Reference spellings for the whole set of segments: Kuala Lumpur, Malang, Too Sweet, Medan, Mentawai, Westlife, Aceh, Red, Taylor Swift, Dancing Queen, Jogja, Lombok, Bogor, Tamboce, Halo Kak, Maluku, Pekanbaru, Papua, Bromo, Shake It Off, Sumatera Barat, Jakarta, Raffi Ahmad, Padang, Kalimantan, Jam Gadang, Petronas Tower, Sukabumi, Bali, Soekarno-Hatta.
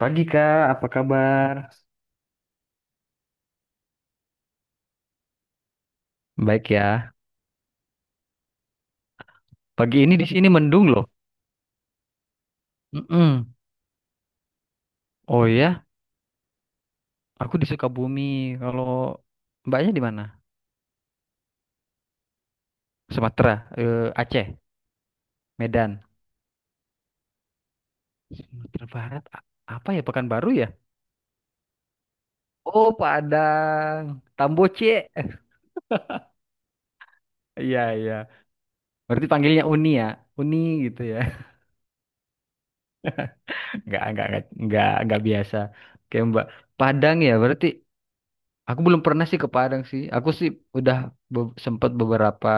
Pagi Kak, apa kabar? Baik ya. Pagi ini di sini mendung loh. Mm-mm. Oh ya, aku di Sukabumi. Kalau Mbaknya di mana? Sumatera, Aceh, Medan. Sumatera Barat, apa ya Pekanbaru ya? Oh, Padang, Tamboce. Iya, iya. Berarti panggilnya Uni ya. Uni gitu ya. Enggak biasa. Kayak Mbak. Padang ya, berarti aku belum pernah sih ke Padang sih. Aku sih udah sempet beberapa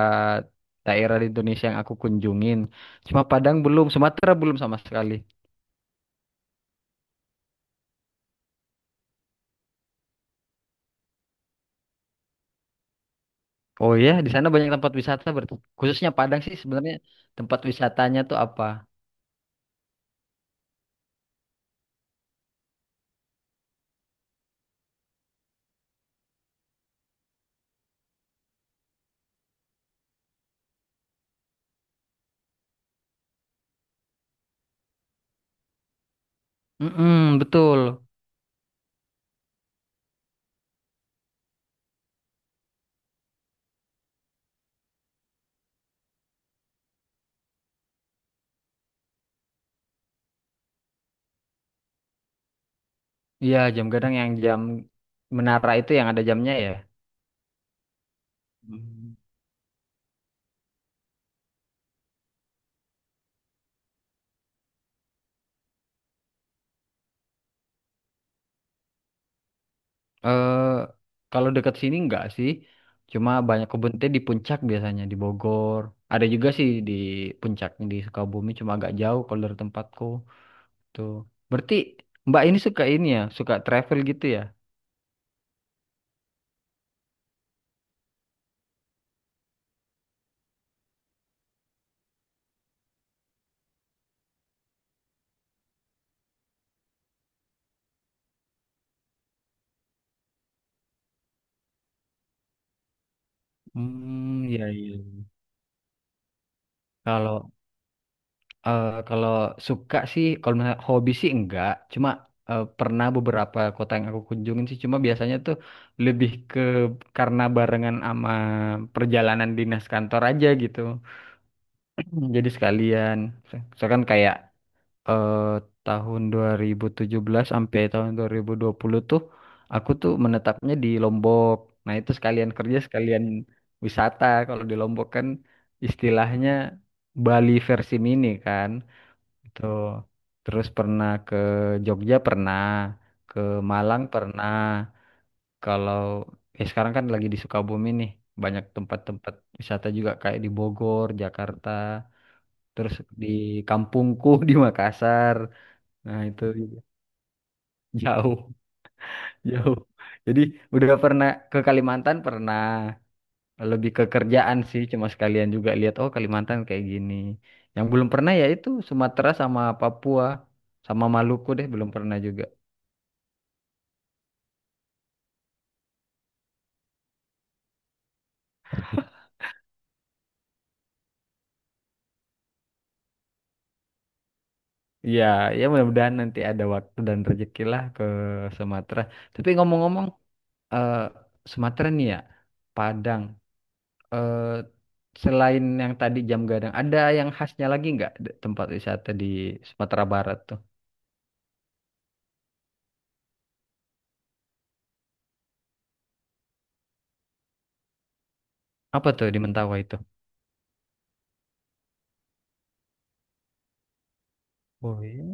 daerah di Indonesia yang aku kunjungin. Cuma Padang belum, Sumatera belum sama sekali. Oh ya, di sana banyak tempat wisata berarti. Khususnya Padang sih sebenarnya tempat wisatanya tuh apa? Mm-mm, betul. Iya, jam gadang yang jam menara itu yang ada jamnya ya. Hmm. Eh, Kalau dekat sini enggak sih. Cuma banyak kebun teh di puncak biasanya di Bogor. Ada juga sih di puncak di Sukabumi cuma agak jauh kalau dari tempatku. Tuh. Berarti Mbak ini suka ini ya, suka travel gitu ya? Hmm, iya iya. Kalau kalau suka sih, kalau misalnya hobi sih enggak. Cuma pernah beberapa kota yang aku kunjungin sih. Cuma biasanya tuh lebih ke karena barengan sama perjalanan dinas kantor aja gitu. Hmm, jadi sekalian, misalkan kayak eh, tahun 2017 sampai tahun 2020 tuh aku tuh menetapnya di Lombok. Nah, itu sekalian kerja, sekalian wisata. Kalau di Lombok kan istilahnya Bali versi mini kan. Itu terus pernah ke Jogja pernah, ke Malang pernah. Kalau sekarang kan lagi di Sukabumi nih, banyak tempat-tempat wisata juga kayak di Bogor, Jakarta, terus di kampungku di Makassar, nah itu juga jauh, jauh, jadi udah pernah ke Kalimantan pernah, lebih ke kerjaan sih cuma sekalian juga lihat oh Kalimantan kayak gini. Yang belum pernah ya itu Sumatera sama Papua sama Maluku deh belum pernah juga. Ya, ya mudah-mudahan nanti ada waktu dan rezeki lah ke Sumatera. Tapi ngomong-ngomong, eh Sumatera nih ya, Padang. eh, Selain yang tadi jam gadang, ada yang khasnya lagi nggak tempat wisata di Sumatera Barat tuh? Apa tuh di Mentawai itu? Oh iya.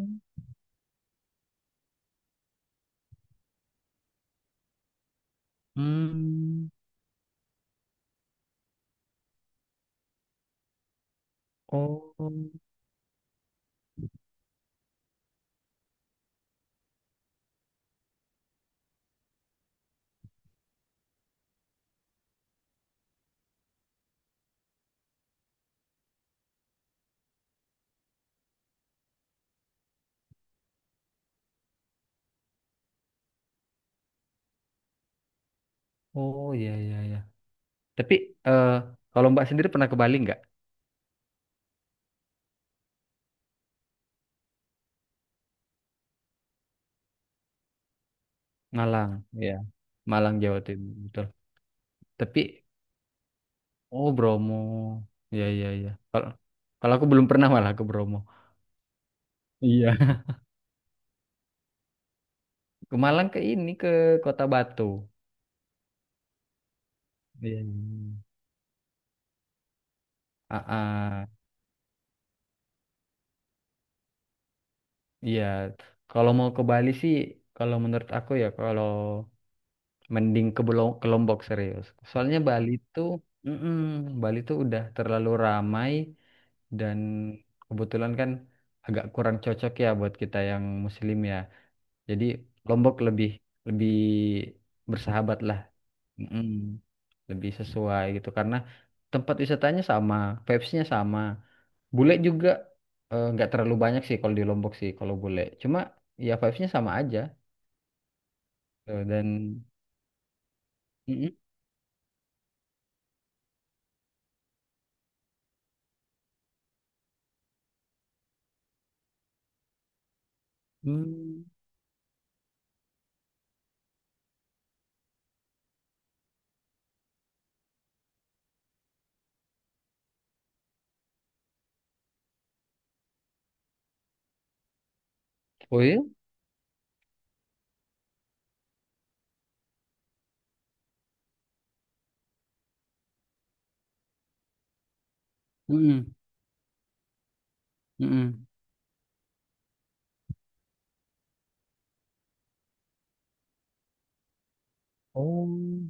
Hmm, oh, oh iya iya iya. Tapi eh, kalau Mbak sendiri pernah ke Bali nggak? Malang, ya. Malang Jawa Timur, betul. Tapi oh Bromo, iya iya iya. Kalau kalau aku belum pernah malah ke Bromo. Iya. Ke Malang ke ini ke Kota Batu. Iya, iya, iya. Ah, ah. Iya, kalau mau ke Bali sih, kalau menurut aku ya, kalau mending ke ke Lombok serius. Soalnya Bali tuh, mm-mm, Bali tuh udah terlalu ramai dan kebetulan kan agak kurang cocok ya buat kita yang Muslim ya. Jadi Lombok lebih lebih bersahabat lah. Mm-mm, lebih sesuai gitu karena tempat wisatanya sama, vibes-nya sama. Bule juga nggak terlalu banyak sih kalau di Lombok sih kalau bule. Cuma ya vibes-nya sama aja. Eh, dan mm-mm. Hmm. Oh iya? Mm-mm. Mm-mm. Oh,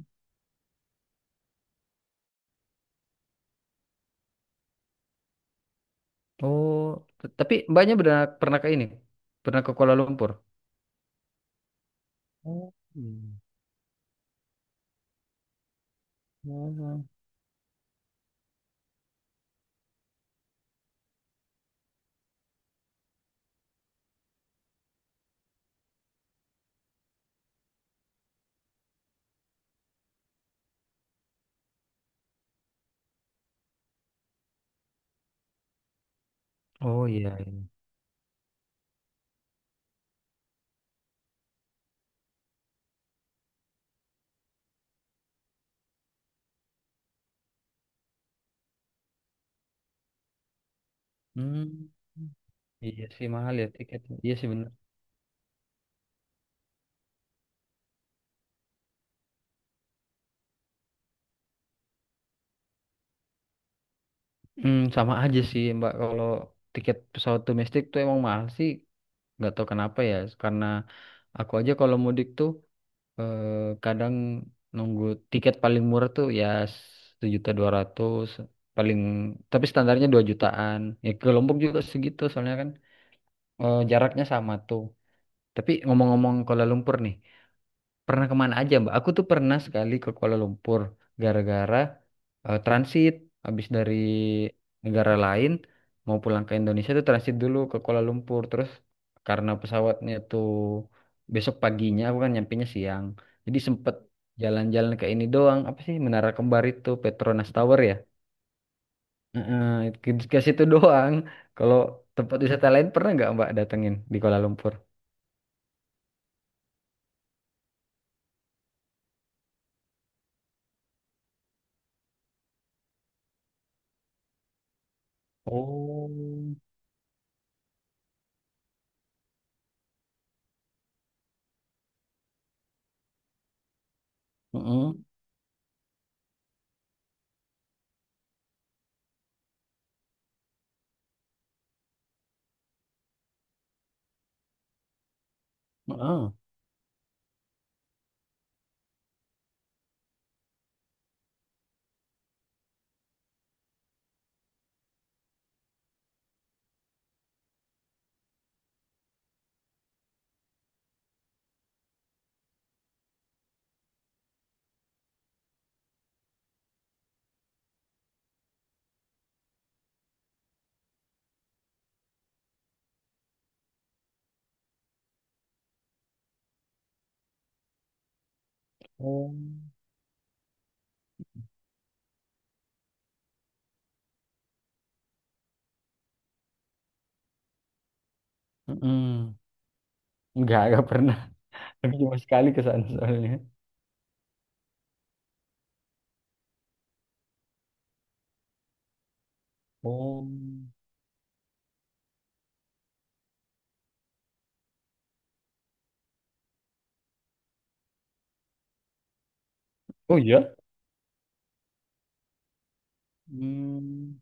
oh. Tapi mbaknya pernah pernah ke ini, pernah ke Kuala Lumpur. Oh, iya. Oh. Oh iya, iya. Hmm. Iya sih mahal ya tiketnya. Iya sih bener. Hmm, sama aja sih Mbak. Kalau tiket pesawat domestik tuh emang mahal sih. Nggak tahu kenapa ya. Karena aku aja kalau mudik tuh eh, kadang nunggu tiket paling murah tuh ya 1.200.000 paling, tapi standarnya 2 jutaan, ya ke Lombok juga segitu soalnya kan jaraknya sama tuh. Tapi ngomong-ngomong Kuala Lumpur nih, pernah kemana aja, Mbak? Aku tuh pernah sekali ke Kuala Lumpur gara-gara transit. Habis dari negara lain mau pulang ke Indonesia tuh transit dulu ke Kuala Lumpur. Terus karena pesawatnya tuh besok paginya, aku kan nyampainya siang. Jadi sempet jalan-jalan ke ini doang. Apa sih Menara Kembar itu, Petronas Tower ya? Heeh, ke situ doang. Kalau tempat wisata lain pernah nggak Mbak datengin di Kuala Lumpur? Oh, heeh, heeh. Oh. Mm-mm. Nggak pernah. Tapi cuma sekali ke sana soalnya. Oh, oh iya. Hmm.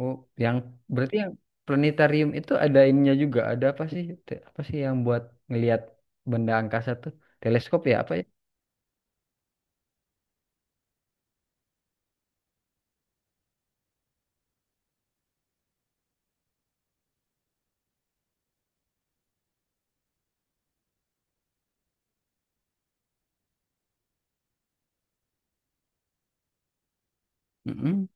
Oh, yang berarti yang planetarium itu ada ininya juga. Ada apa sih? Apa sih yang buat ngelihat benda angkasa tuh? Teleskop ya apa ya? Mm-mm.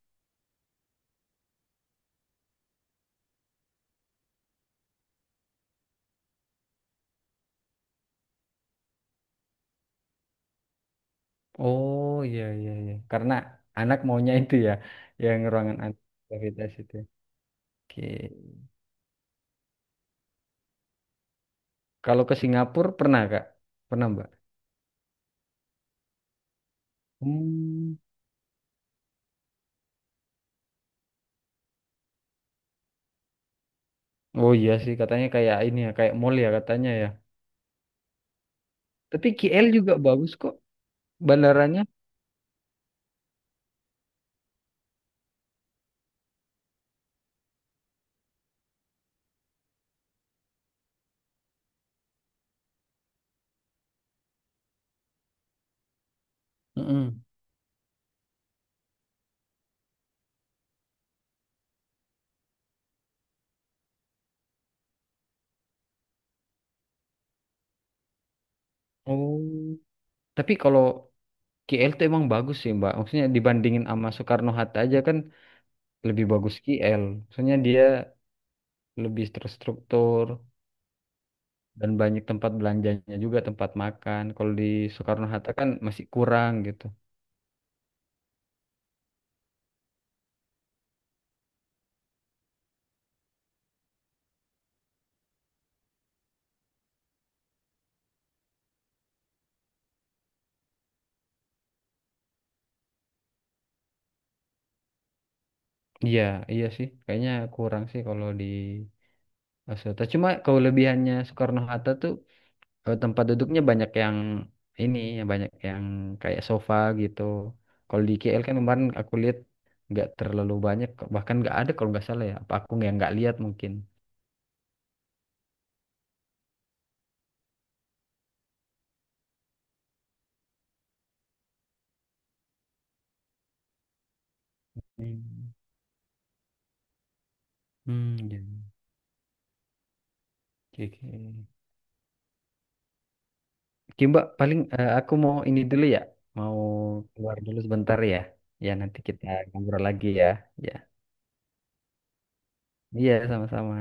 Oh iya iya iya. Karena anak maunya itu ya, yang ruangan anti gravitasi itu. Oke. Kalau ke Singapura pernah Kak? Pernah Mbak? Hmm. Oh iya sih katanya kayak ini ya, kayak mall ya katanya ya. Tapi KL juga bagus kok bandaranya. Mm-mm. Oh. Tapi kalau KL tuh emang bagus sih Mbak. Maksudnya dibandingin sama Soekarno-Hatta aja kan lebih bagus KL. Maksudnya dia lebih terstruktur dan banyak tempat belanjanya juga tempat makan. Kalau di Soekarno-Hatta kan masih kurang gitu. Iya, iya sih. Kayaknya kurang sih kalau di Soekarno-Hatta. Cuma kelebihannya Soekarno-Hatta tuh tempat duduknya banyak yang ini, yang banyak yang kayak sofa gitu. Kalau di KL kan kemarin aku lihat nggak terlalu banyak, bahkan nggak ada kalau nggak salah ya. Apa aku yang nggak lihat mungkin. Hmm, hmm, ya. Oke, oke. Oke Mbak, paling aku mau ini dulu ya, mau keluar dulu sebentar ya. Ya nanti kita ngobrol lagi ya. Ya, iya sama-sama.